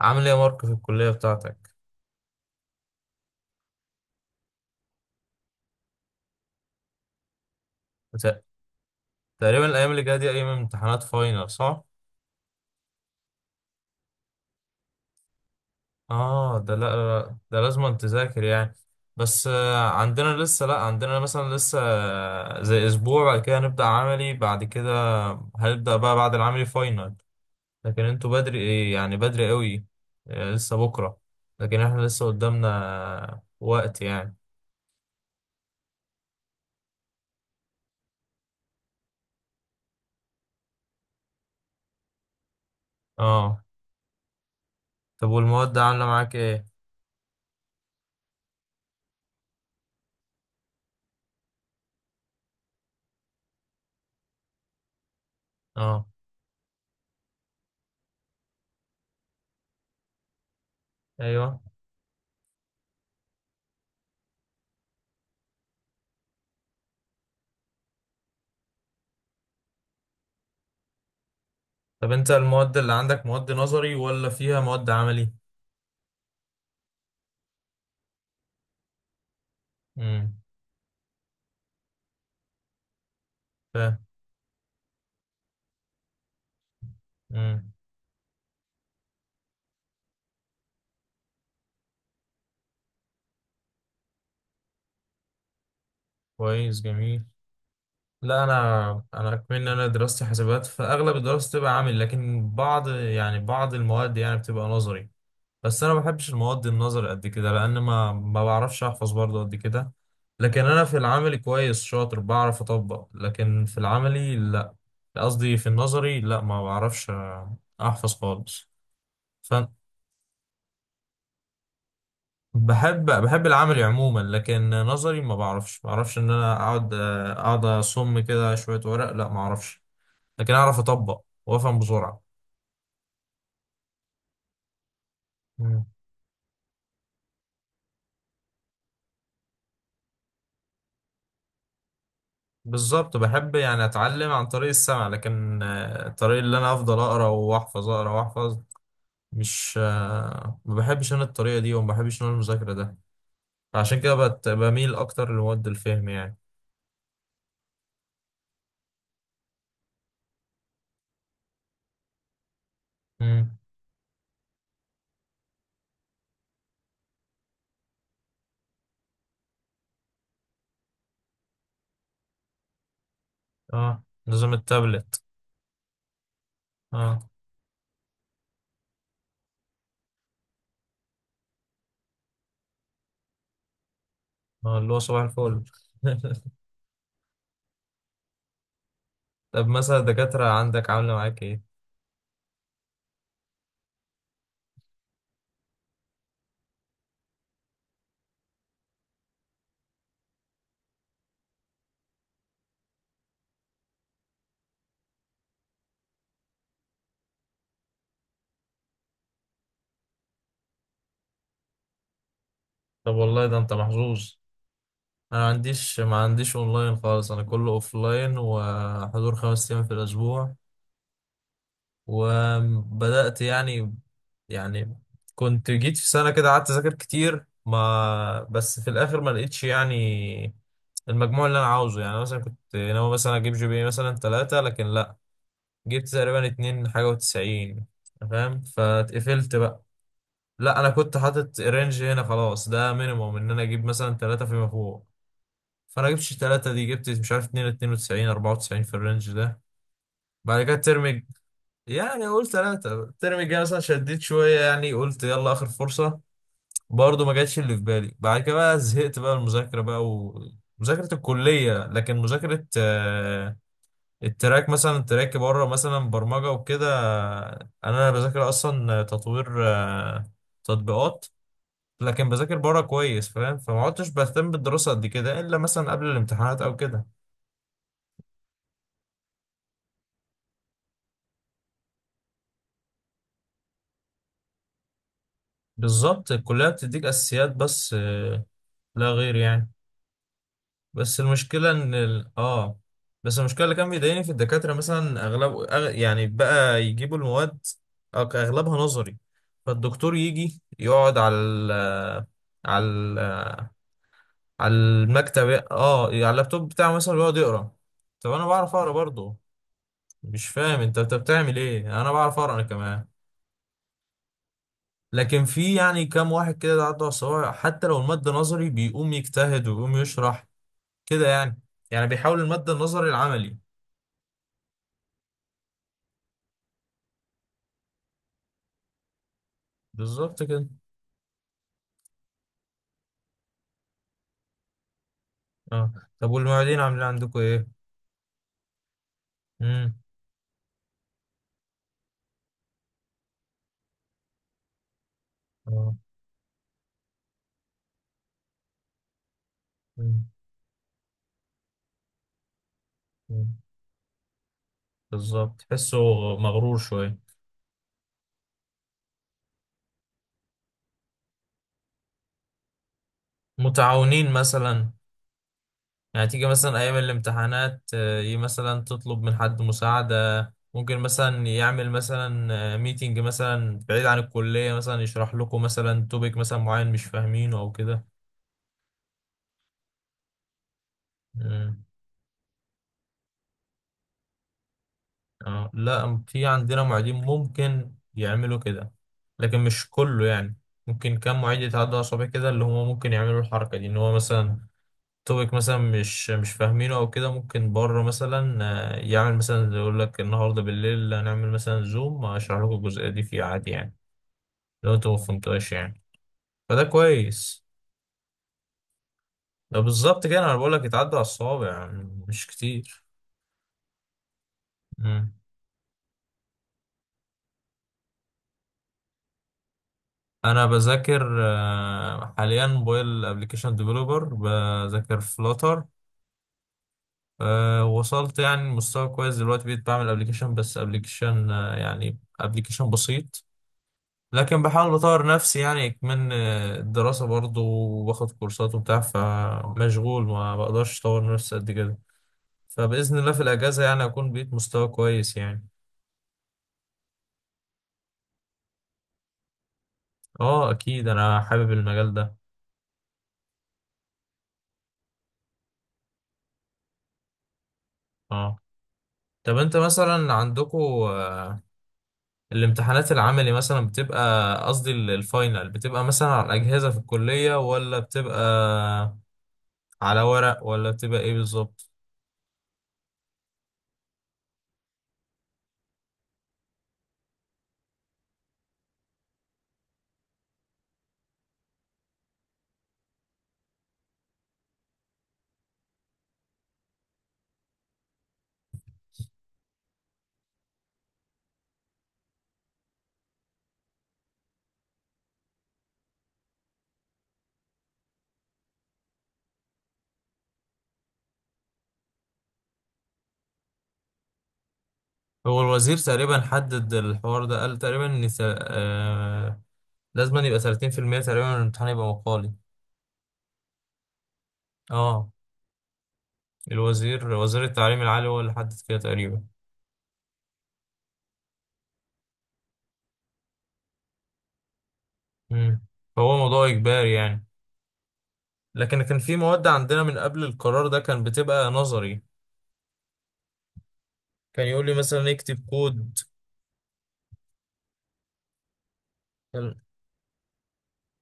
عامل ايه يا مارك في الكلية بتاعتك؟ بت- تقريبا الأيام اللي جاية دي أيام امتحانات فاينل، صح؟ اه ده لا لا، ده لازم أن تذاكر يعني. بس عندنا لسه، لا عندنا مثلا لسه زي أسبوع بعد كده هنبدأ عملي بعد كده. هنبدأ بقى بعد العملي فاينل، لكن انتوا بدري ايه، يعني بدري قوي. لسه بكرة، لكن احنا لسه قدامنا وقت يعني. اه، طب والمواد عاملة معاك ايه؟ اه. ايوه. طب انت المواد اللي عندك مواد نظري ولا فيها مواد عملي؟ امم. فاهم. امم. كويس، جميل. لا انا كمان انا دراستي حسابات، فاغلب الدراسه بتبقى عملي، لكن بعض يعني بعض المواد يعني بتبقى نظري. بس انا ما بحبش المواد النظري قد كده لان ما بعرفش احفظ برضه قد كده. لكن انا في العملي كويس، شاطر بعرف اطبق، لكن في العملي لا، قصدي في النظري لا، ما بعرفش احفظ خالص. ف... بحب العملي عموما، لكن نظري ما بعرفش، ما بعرفش ان انا اقعد اصم كده شويه ورق، لا ما اعرفش. لكن اعرف اطبق وافهم بسرعه. مم. بالظبط، بحب يعني اتعلم عن طريق السمع، لكن الطريق اللي انا افضل اقرا واحفظ، اقرا واحفظ، مش آه، ما بحبش انا الطريقه دي، وما بحبش انا المذاكره ده. فعشان كده بميل اكتر لمواد الفهم يعني. مم. اه، نظام التابلت. اه. اللي هو صباح الفل. طب مثلا الدكاترة عندك عاملة معاك ايه؟ طب والله، ده انت محظوظ. انا ما عنديش، ما عنديش اونلاين خالص، انا كله اوفلاين وحضور 5 ايام في الاسبوع. وبدأت يعني، يعني كنت جيت في سنة كده قعدت اذاكر كتير، ما بس في الاخر ما لقيتش يعني المجموع اللي انا عاوزه. يعني مثلا كنت ناوي مثلا اجيب جي بي اي مثلا 3، لكن لا، جبت تقريبا 2.92، فاهم؟ فاتقفلت بقى. لا انا كنت حاطط رينج هنا خلاص، ده مينيموم ان انا اجيب مثلا 3 فيما فوق. فانا جبتش 3 دي، جبت مش عارف 2 92 94 في الرينج ده. بعد كده الترم يعني قلت 3 الترم الجاي مثلا، شديت شوية، يعني قلت يلا اخر فرصة. برضه ما جاتش اللي في بالي. بعد كده بقى زهقت بقى المذاكرة بقى، ومذاكرة الكلية. لكن مذاكرة التراك مثلا، تراك بره مثلا، برمجة وكده. انا بذاكر اصلا تطوير تطبيقات. لكن بذاكر بره كويس، فاهم؟ فما عدتش بهتم بالدراسة قد كده إلا مثلا قبل الامتحانات أو كده. بالظبط، الكلية بتديك أساسيات بس لا غير يعني. بس المشكلة إن ال... آه بس المشكلة اللي كان بيضايقني في الدكاترة مثلا أغلب، يعني بقى يجيبوا المواد أغلبها نظري. فالدكتور يجي يقعد على على ال... على المكتب، آه على اللابتوب بتاعه مثلا، ويقعد يقرأ. طب أنا بعرف أقرأ برضه. مش فاهم، أنت بتعمل إيه؟ أنا بعرف أقرأ أنا كمان. لكن في يعني كام واحد كده عنده عصبية، حتى لو المادة نظري بيقوم يجتهد ويقوم يشرح كده يعني. يعني بيحول المادة النظري العملي. بالظبط كده. اه. طب والمعيدين عاملين عندكم ايه؟ امم. اه. مم. مم. بالظبط، تحسه مغرور شوية. متعاونين مثلا؟ يعني تيجي مثلا أيام الامتحانات مثلا تطلب من حد مساعدة، ممكن مثلا يعمل مثلا ميتنج مثلا بعيد عن الكلية، مثلا يشرح لكم مثلا توبيك مثلا معين مش فاهمينه أو كده. مم. اه، لا في عندنا معيدين ممكن يعملوا كده، لكن مش كله يعني. ممكن كم معيد يتعدوا على صباع كده اللي هم ممكن يعملوا الحركة دي، ان هو مثلا توبيك مثلا مش فاهمينه او كده، ممكن بره مثلا يعمل مثلا يقول لك النهارده بالليل هنعمل مثلا زوم اشرح لكم الجزئية دي، في عادي يعني لو انتوا ما فهمتوهاش يعني. فده كويس. ده بالظبط كده انا بقول لك، يتعدوا على الصوابع يعني، مش كتير. انا بذاكر حاليا موبايل ابلكيشن ديفلوبر، بذاكر فلوتر. وصلت يعني مستوى كويس دلوقتي، بقيت بعمل ابلكيشن، بس ابلكيشن يعني ابلكيشن بسيط. لكن بحاول اطور نفسي يعني. كمان الدراسة برضو، وباخد كورسات وبتاع، فمشغول ما بقدرش اطور نفسي قد كده. فبإذن الله في الأجازة يعني أكون بقيت مستوى كويس يعني. اه أكيد، أنا حابب المجال ده. اه. طب أنت مثلا عندكم الامتحانات العملي مثلا بتبقى، قصدي الفاينل بتبقى مثلا على الأجهزة في الكلية، ولا بتبقى على ورق، ولا بتبقى ايه بالظبط؟ هو الوزير تقريبا حدد الحوار ده، قال تقريبا ان لازم أن يبقى 30% تقريبا من الامتحان يبقى مقالي. اه الوزير، وزير التعليم العالي هو اللي حدد كده تقريبا. امم. فهو موضوع إجباري يعني. لكن كان في مواد عندنا من قبل القرار ده كان بتبقى نظري، كان يقول لي مثلا اكتب كود.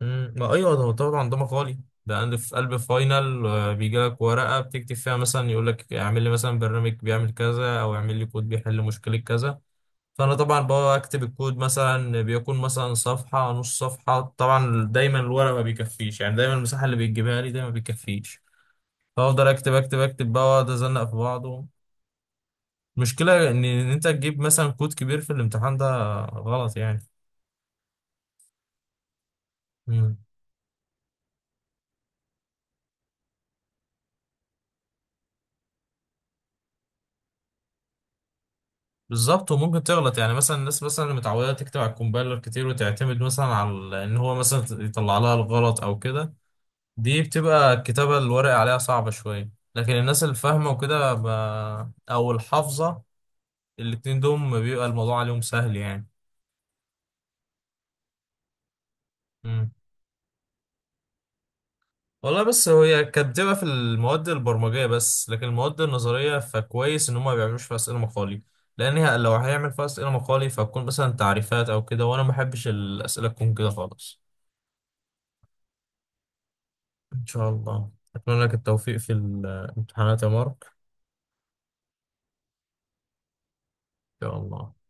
مم. ما ايوه، ده هو طبعا ده مقالي. ده عندي في قلب فاينل بيجي لك ورقه بتكتب فيها، مثلا يقول لك اعمل لي مثلا برنامج بيعمل كذا، او اعمل لي كود بيحل مشكله كذا. فانا طبعا بكتب الكود، مثلا بيكون مثلا صفحه، نص صفحه، طبعا دايما الورق ما بيكفيش يعني، دايما المساحه اللي بيجيبها لي ده ما بيكفيش. فافضل اكتب اكتب اكتب بقى، واقعد ازنق في بعضه. المشكله إن انت تجيب مثلا كود كبير في الامتحان ده غلط يعني. بالظبط، وممكن تغلط يعني، مثلا الناس مثلا اللي متعوده تكتب على الكومبايلر كتير وتعتمد مثلا على ان هو مثلا يطلع لها الغلط او كده، دي بتبقى الكتابه الورق عليها صعبه شويه. لكن الناس اللي فاهمه وكده او الحافظه، الاتنين دول بيبقى الموضوع عليهم سهل يعني. مم. والله بس هو، هي كانت بتبقى في المواد البرمجيه بس. لكن المواد النظريه فكويس ان هم ما بيعملوش فيها اسئله مقالي، لان لو هيعمل فيها اسئله مقالي فهتكون مثلا تعريفات او كده، وانا ما بحبش الاسئله تكون كده خالص. إن شاء الله أتمنى لك التوفيق في الامتحانات يا مارك. إن شاء الله.